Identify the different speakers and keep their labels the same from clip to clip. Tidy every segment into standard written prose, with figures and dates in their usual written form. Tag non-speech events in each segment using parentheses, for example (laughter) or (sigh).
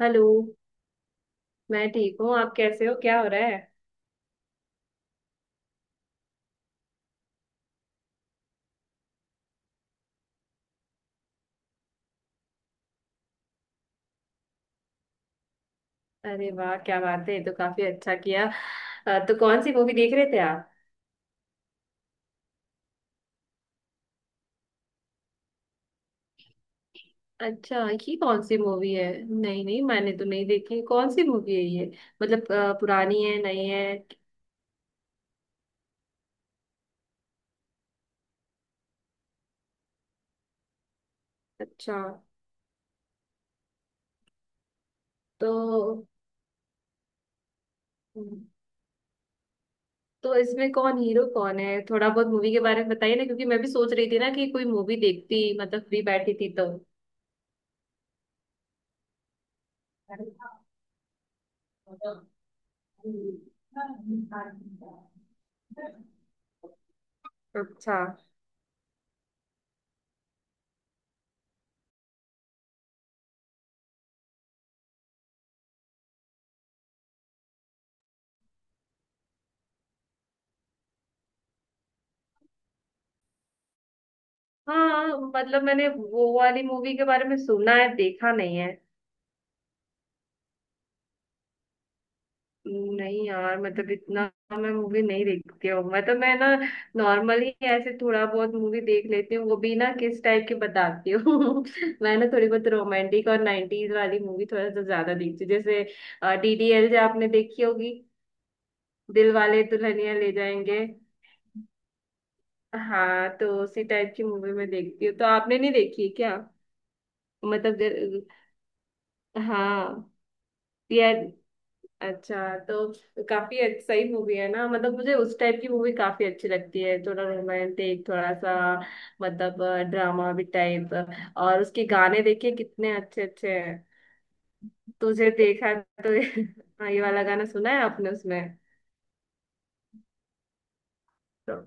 Speaker 1: Hello. मैं ठीक हूँ, आप कैसे हो? क्या हो रहा है? अरे वाह, क्या बात है, ये तो काफी अच्छा किया। तो कौन सी मूवी देख रहे थे आप? अच्छा, ये कौन सी मूवी है? नहीं नहीं, मैंने तो नहीं देखी, कौन सी मूवी है ये? मतलब पुरानी है, नई है? अच्छा। तो तो इसमें कौन हीरो कौन है, थोड़ा बहुत मूवी के बारे में बताइए ना, क्योंकि मैं भी सोच रही थी ना कि कोई मूवी देखती, मतलब फ्री बैठी थी तो। अच्छा। हाँ, मतलब मैंने वो वाली मूवी के बारे में सुना है, देखा नहीं है। नहीं यार, मतलब इतना मैं मूवी नहीं देखती हूँ, मतलब मैं ना नॉर्मली ऐसे थोड़ा बहुत मूवी देख लेती हूँ, वो भी ना किस टाइप की बताती हूँ। (laughs) मैं ना थोड़ी बहुत रोमांटिक और नाइनटीज वाली मूवी थोड़ा सा ज्यादा देखती हूँ, जैसे डीडीएल जो आपने देखी होगी, दिल वाले दुल्हनिया ले जाएंगे। हाँ, तो उसी टाइप की मूवी मैं देखती हूँ, तो आपने नहीं देखी है क्या? मतलब ज- हाँ। यार, अच्छा तो काफी अच्छी सही मूवी है ना, मतलब मुझे उस टाइप की मूवी काफी अच्छी लगती है, थोड़ा रोमांटिक थोड़ा सा मतलब ड्रामा भी टाइप। और उसके गाने देखिए कितने अच्छे अच्छे हैं, तुझे देखा, तो ये (laughs) हाँ, ये वाला गाना सुना है आपने उसमें? तो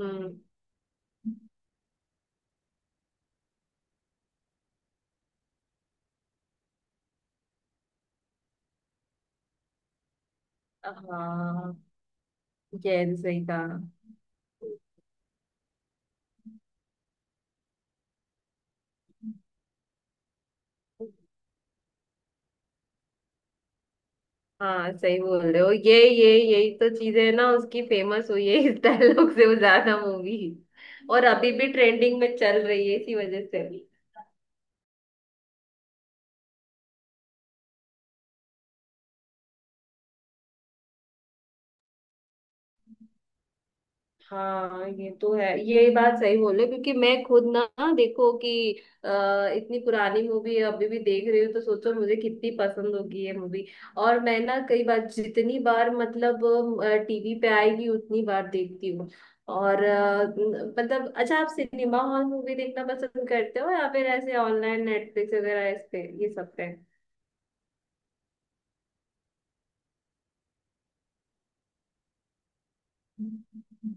Speaker 1: हम्म। हाँ, ये सही कहा। हाँ सही बोल रहे हो, ये यही तो चीज है ना, उसकी फेमस हुई है इस डायलॉग से, वो ज्यादा मूवी और अभी भी ट्रेंडिंग में चल रही है इसी वजह से। हाँ ये तो है, ये बात सही बोले, क्योंकि मैं खुद ना, हाँ, देखो कि अ, इतनी पुरानी मूवी अभी भी देख रही हूँ, तो सोचो मुझे कितनी पसंद होगी ये मूवी। और मैं ना कई बार, जितनी बार मतलब टीवी पे आएगी उतनी बार देखती हूँ। और मतलब अच्छा, आप सिनेमा हॉल मूवी देखना पसंद करते हो या फिर ऐसे ऑनलाइन नेटफ्लिक्स वगैरह इस पे, ये सब पे? (laughs)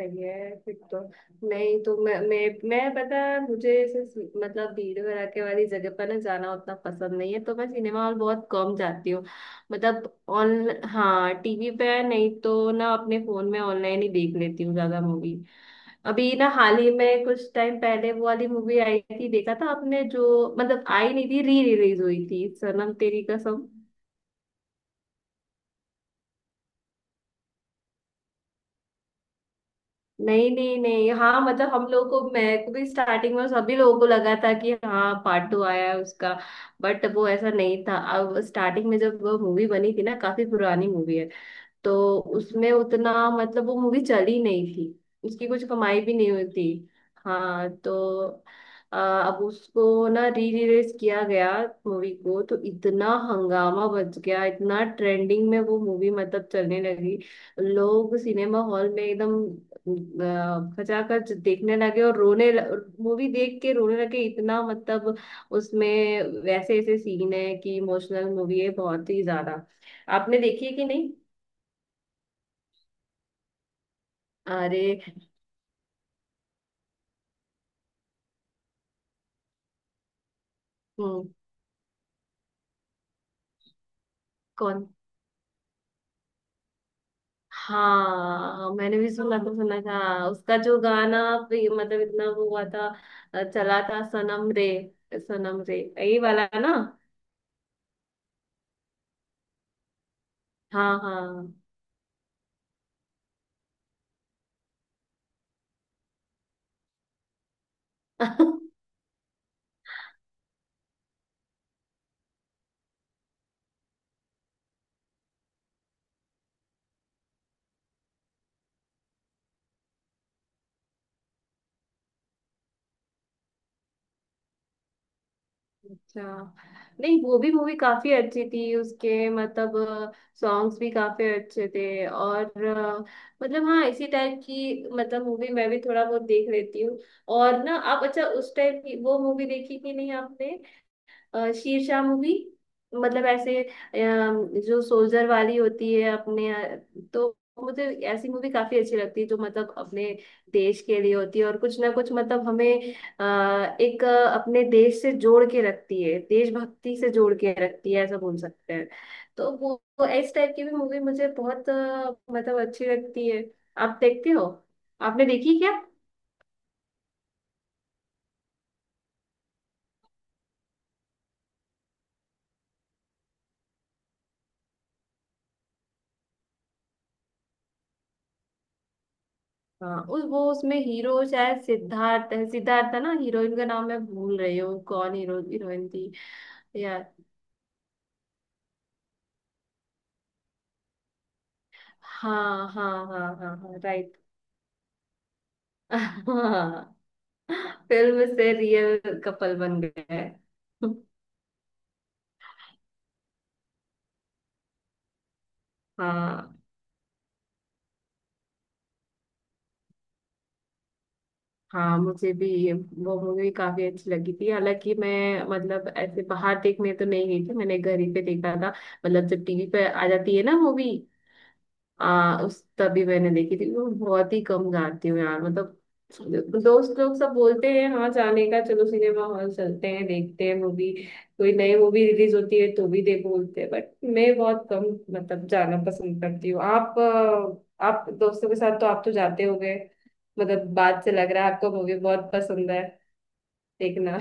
Speaker 1: सही है फिर तो। नहीं तो मैं पता है मुझे ऐसे मतलब भीड़ भड़ाके वाली जगह पर ना जाना उतना पसंद नहीं है, तो मैं सिनेमा हॉल बहुत कम जाती हूँ। मतलब ऑन हाँ टीवी पे, नहीं तो ना अपने फोन में ऑनलाइन ही देख लेती हूँ ज्यादा मूवी। अभी ना हाल ही में कुछ टाइम पहले वो वाली मूवी आई थी, देखा था आपने, जो मतलब आई नहीं थी, री रिलीज हुई थी, सनम तेरी कसम। नहीं नहीं नहीं, हाँ मतलब हम लोग को, मैं को भी, स्टार्टिंग में सभी लोगों को लगा था कि हाँ पार्ट टू आया है उसका। बट वो ऐसा नहीं था। अब स्टार्टिंग में जब वो मूवी बनी थी ना, काफी पुरानी मूवी है, तो उसमें उतना मतलब वो मूवी चली नहीं थी, उसकी कुछ कमाई भी नहीं हुई थी। हाँ, तो अब उसको ना री रिलीज किया गया मूवी को, तो इतना हंगामा बच गया, इतना ट्रेंडिंग में वो मूवी मतलब चलने लगी। लोग सिनेमा हॉल में एकदम खचाखच देखने लगे और रोने, मूवी देख के रोने लगे इतना, मतलब उसमें वैसे ऐसे सीन है कि इमोशनल मूवी है बहुत ही ज्यादा। आपने देखी है कि नहीं? अरे हम्म। कौन? हाँ मैंने भी सुना था, सुना था। उसका जो गाना मतलब इतना वो हुआ था, चला था सनम रे, सनम रे यही वाला ना? हाँ हाँ। (laughs) अच्छा, नहीं वो भी मूवी काफी अच्छी थी, उसके मतलब सॉन्ग्स भी काफी अच्छे थे। और मतलब हाँ इसी टाइप की मतलब मूवी मैं भी थोड़ा बहुत देख लेती हूँ। और ना आप, अच्छा उस टाइप की वो मूवी देखी कि नहीं आपने, शेरशाह मूवी, मतलब ऐसे जो सोल्जर वाली होती है अपने तो मुझे ऐसी मूवी काफी अच्छी लगती है जो मतलब अपने देश के लिए होती है और कुछ ना कुछ मतलब हमें अ, एक अ, अपने देश से जोड़ के रखती है, देशभक्ति से जोड़ के रखती है, ऐसा बोल सकते हैं। तो वो इस टाइप की भी मूवी मुझे बहुत मतलब अच्छी लगती है। आप देखते हो? आपने देखी क्या? हाँ उस वो उसमें हीरो शायद सिद्धार्थ है, सिद्धार्थ था ना, हीरोइन का नाम मैं भूल रही हूँ, कौन हीरो हीरोइन थी यार? हाँ हाँ हाँ हाँ हाँ राइट। हाँ। फिल्म से रियल कपल बन गए। हाँ। हाँ मुझे भी ये- वो मूवी काफी अच्छी लगी थी, हालांकि मैं मतलब ऐसे बाहर देखने तो नहीं गई थी, मैंने घर ही पे देखा था, मतलब जब टीवी पे आ जाती है ना मूवी, उस तभी मैंने देखी थी। मैं बहुत ही कम जाती हूँ यार, मतलब दोस्त लोग सब बोलते हैं हाँ जाने का, चलो सिनेमा हॉल चलते हैं, देखते हैं मूवी, कोई नई मूवी रिलीज होती है तो भी देखो बोलते हैं, बट मैं बहुत कम मतलब जाना पसंद करती हूँ। आप आप दोस्तों के साथ तो आप तो जाते होगे, मतलब बात से लग रहा है आपको मूवी बहुत पसंद है देखना।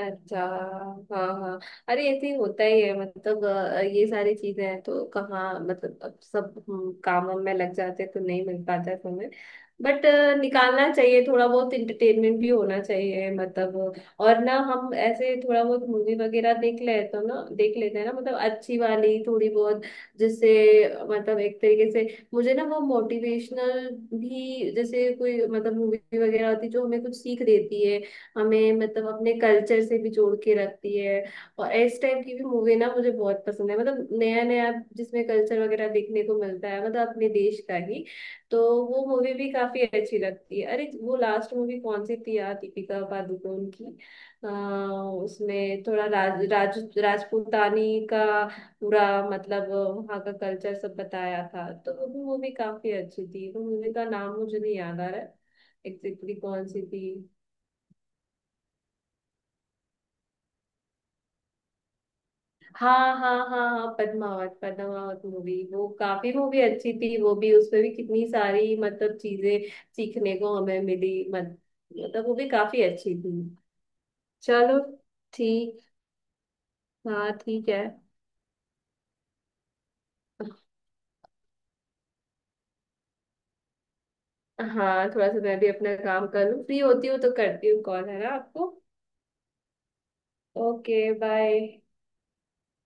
Speaker 1: अच्छा। हाँ हाँ, अरे ऐसे ही होता ही है मतलब। ये सारी चीजें हैं तो कहाँ, मतलब अब सब हम कामों में लग जाते हैं तो नहीं मिल पाता है समय। बट निकालना चाहिए, थोड़ा बहुत इंटरटेनमेंट भी होना चाहिए मतलब। और ना हम ऐसे थोड़ा बहुत मूवी वगैरह देख ले तो ना देख लेते हैं ना मतलब, अच्छी वाली थोड़ी बहुत, जिससे मतलब एक तरीके से मुझे ना वो मोटिवेशनल भी, जैसे कोई मतलब मूवी वगैरह होती है जो हमें कुछ सीख देती है, हमें मतलब अपने कल्चर से भी जोड़ के रखती है। और इस टाइप की भी मूवी ना मुझे बहुत पसंद है, मतलब नया नया जिसमें कल्चर वगैरह देखने को मिलता है, मतलब अपने देश का ही, तो वो मूवी भी काफी अच्छी लगती है। अरे वो लास्ट मूवी कौन सी थी यार, दीपिका पादुकोण की, अ, उसमें थोड़ा राज राजपूतानी का पूरा मतलब वहाँ का कल्चर सब बताया था, तो वो भी मूवी काफी अच्छी थी। वो मूवी का नाम मुझे नहीं याद आ रहा है, एग्जैक्टली कौन सी थी? हाँ हाँ हाँ हाँ, पद्मावत, पद्मावत मूवी वो काफी मूवी अच्छी थी, वो भी उसमें भी कितनी सारी मतलब चीजें सीखने को हमें मिली मत, मतलब वो भी काफी अच्छी थी। चलो ठीक। हाँ ठीक है। हाँ थोड़ा सा मैं भी अपना काम कर लूँ, फ्री होती हूँ तो करती हूँ कॉल, है ना आपको? Okay bye.